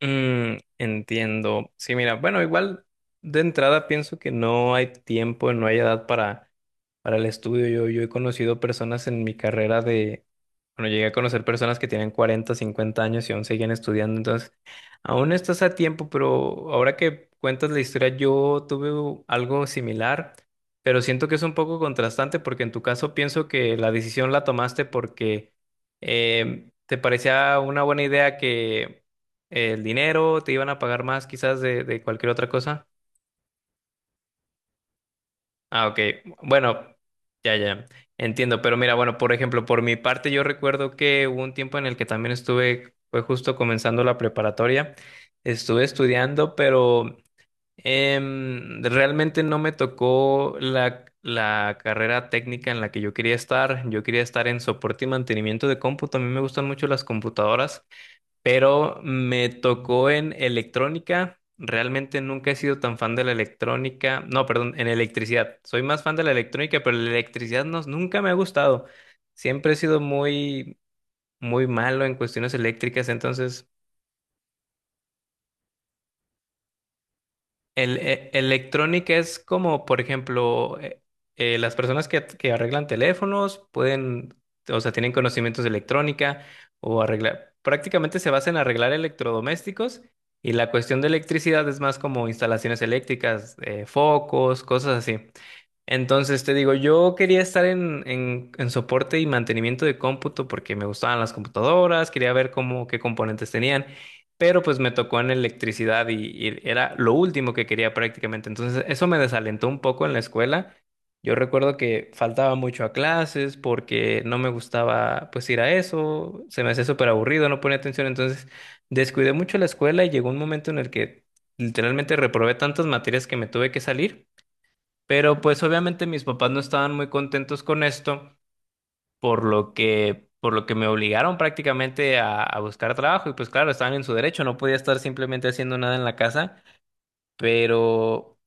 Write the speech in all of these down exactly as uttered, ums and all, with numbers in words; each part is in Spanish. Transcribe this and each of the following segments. Mm, entiendo. Sí, mira, bueno, igual de entrada pienso que no hay tiempo, no hay edad para, para el estudio. Yo, yo he conocido personas en mi carrera de, bueno, llegué a conocer personas que tienen cuarenta cincuenta años y aún siguen estudiando. Entonces, aún estás a tiempo, pero ahora que cuentas la historia, yo tuve u- algo similar, pero siento que es un poco contrastante porque en tu caso pienso que la decisión la tomaste porque eh, te parecía una buena idea que ¿el dinero? ¿Te iban a pagar más quizás de, de cualquier otra cosa? Ah, ok. Bueno, ya, ya. Entiendo. Pero mira, bueno, por ejemplo, por mi parte yo recuerdo que hubo un tiempo en el que también estuve, fue justo comenzando la preparatoria, estuve estudiando, pero em, realmente no me tocó la, la carrera técnica en la que yo quería estar. Yo quería estar en soporte y mantenimiento de cómputo. A mí me gustan mucho las computadoras, pero me tocó en electrónica. Realmente nunca he sido tan fan de la electrónica. No, perdón, en electricidad. Soy más fan de la electrónica, pero la electricidad no, nunca me ha gustado. Siempre he sido muy, muy malo en cuestiones eléctricas, entonces el, e- electrónica es como, por ejemplo, eh, eh, las personas que, que arreglan teléfonos pueden, o sea, tienen conocimientos de electrónica o arreglar, prácticamente se basa en arreglar electrodomésticos y la cuestión de electricidad es más como instalaciones eléctricas, eh, focos, cosas así. Entonces te digo, yo quería estar en, en, en soporte y mantenimiento de cómputo porque me gustaban las computadoras, quería ver cómo, qué componentes tenían, pero pues me tocó en electricidad y, y era lo último que quería prácticamente. Entonces eso me desalentó un poco en la escuela. Yo recuerdo que faltaba mucho a clases porque no me gustaba pues ir a eso, se me hacía súper aburrido, no ponía atención, entonces descuidé mucho la escuela y llegó un momento en el que literalmente reprobé tantas materias que me tuve que salir. Pero pues obviamente mis papás no estaban muy contentos con esto, por lo que, por lo que me obligaron prácticamente a, a buscar trabajo. Y pues claro, estaban en su derecho, no podía estar simplemente haciendo nada en la casa. Pero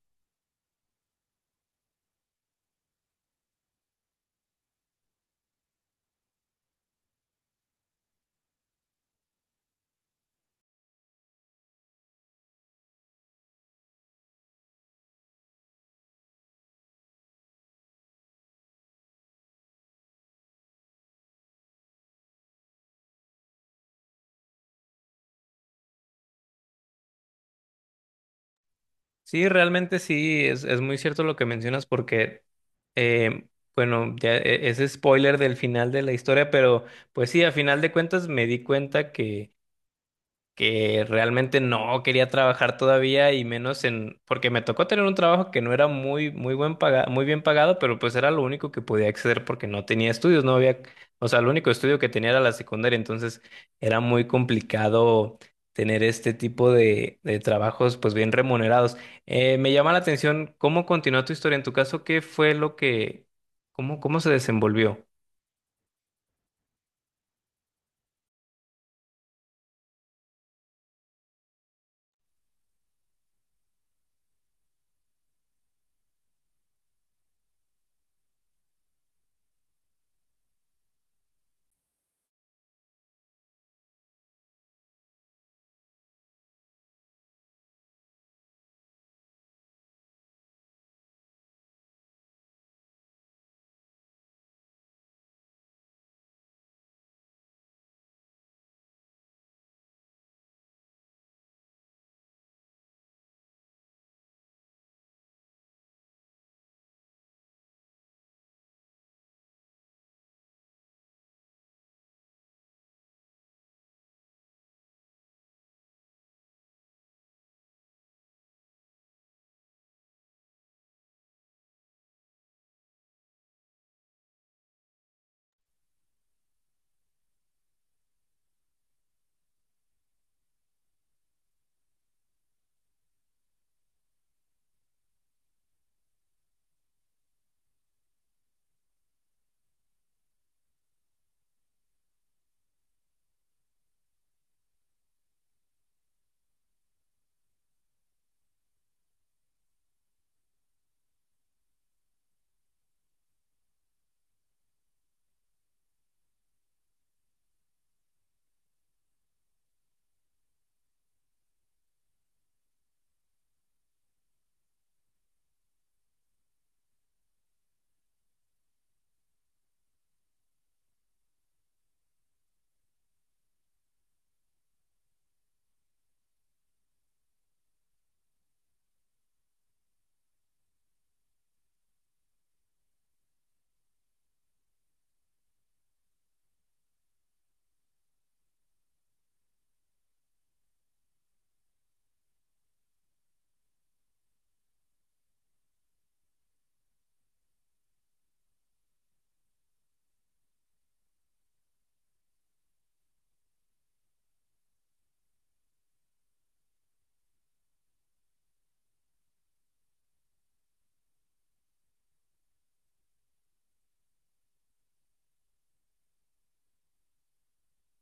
sí, realmente sí, es, es muy cierto lo que mencionas porque, eh, bueno, ya e- es spoiler del final de la historia, pero pues sí, a final de cuentas me di cuenta que que realmente no quería trabajar todavía y menos en, porque me tocó tener un trabajo que no era muy, muy buen paga- muy bien pagado, pero pues era lo único que podía acceder porque no tenía estudios, no había, o sea, el único estudio que tenía era la secundaria, entonces era muy complicado tener este tipo de, de trabajos pues bien remunerados. Eh, me llama la atención cómo continuó tu historia, en tu caso, ¿qué fue lo que, cómo, cómo se desenvolvió?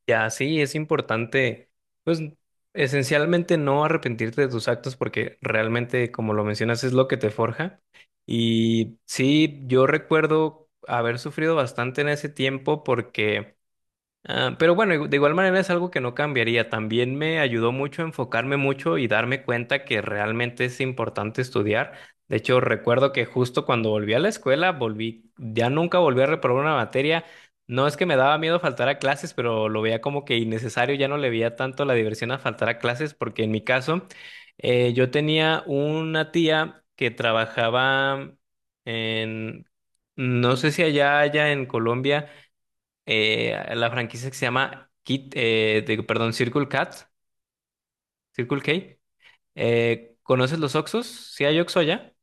Ya, sí, es importante, pues esencialmente no arrepentirte de tus actos porque realmente, como lo mencionas, es lo que te forja. Y sí, yo recuerdo haber sufrido bastante en ese tiempo porque... Ah, pero bueno, de igual manera es algo que no cambiaría. También me ayudó mucho a enfocarme mucho y darme cuenta que realmente es importante estudiar. De hecho, recuerdo que justo cuando volví a la escuela, volví, ya nunca volví a reprobar una materia. No es que me daba miedo faltar a clases, pero lo veía como que innecesario, ya no le veía tanto la diversión a faltar a clases, porque en mi caso, eh, yo tenía una tía que trabajaba en, no sé si allá, allá en Colombia, eh, la franquicia que se llama Kit, eh, de- perdón, Circle Cat, Circle K. Eh, ¿conoces los Oxos? ¿Sí hay Oxxo allá?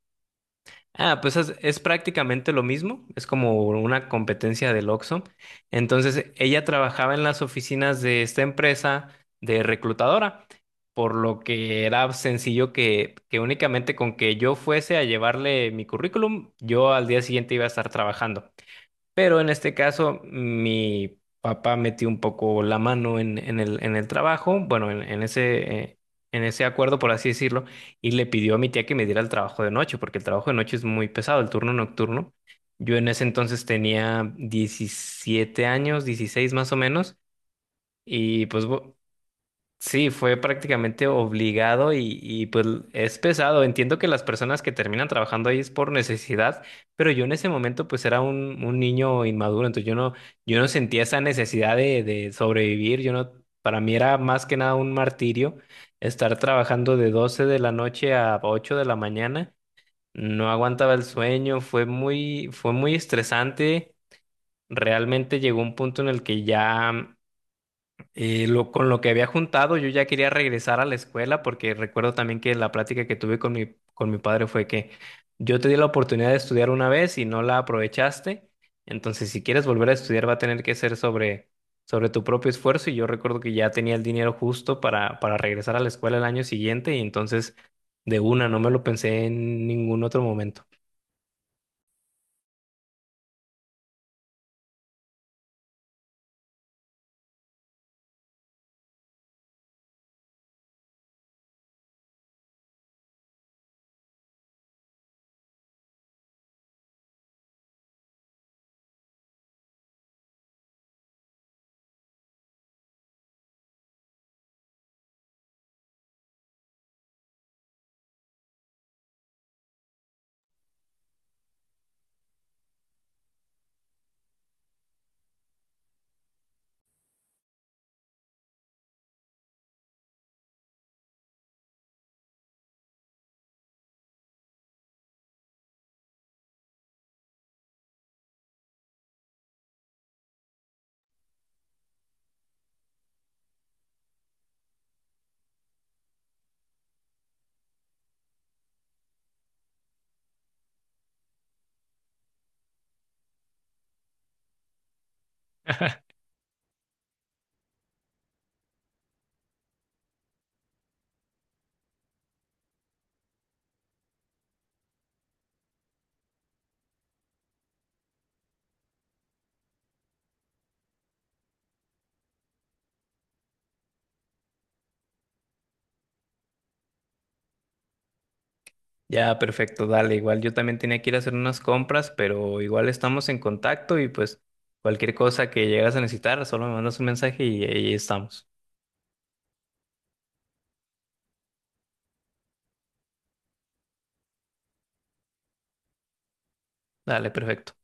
Ah, pues es, es prácticamente lo mismo, es como una competencia del Oxxo. Entonces, ella trabajaba en las oficinas de esta empresa de reclutadora, por lo que era sencillo que, que únicamente con que yo fuese a llevarle mi currículum, yo al día siguiente iba a estar trabajando. Pero en este caso, mi papá metió un poco la mano en, en el, en el trabajo, bueno, en, en ese, eh, en ese acuerdo, por así decirlo, y le pidió a mi tía que me diera el trabajo de noche, porque el trabajo de noche es muy pesado, el turno nocturno. Yo en ese entonces tenía diecisiete años, dieciséis más o menos, y pues bu- sí, fue prácticamente obligado y, y, pues es pesado. Entiendo que las personas que terminan trabajando ahí es por necesidad, pero yo en ese momento pues era un, un niño inmaduro, entonces yo no, yo no sentía esa necesidad de, de sobrevivir. Yo no, para mí era más que nada un martirio estar trabajando de doce de la noche a ocho de la mañana. No aguantaba el sueño, fue muy, fue muy estresante. Realmente llegó un punto en el que ya y lo, con lo que había juntado, yo ya quería regresar a la escuela porque recuerdo también que la plática que tuve con mi, con mi padre fue que yo te di la oportunidad de estudiar una vez y no la aprovechaste, entonces si quieres volver a estudiar va a tener que ser sobre, sobre tu propio esfuerzo y yo recuerdo que ya tenía el dinero justo para, para regresar a la escuela el año siguiente y entonces de una no me lo pensé en ningún otro momento. Ya, perfecto, dale, igual yo también tenía que ir a hacer unas compras, pero igual estamos en contacto y pues cualquier cosa que llegas a necesitar, solo me mandas un mensaje y ahí estamos. Dale, perfecto.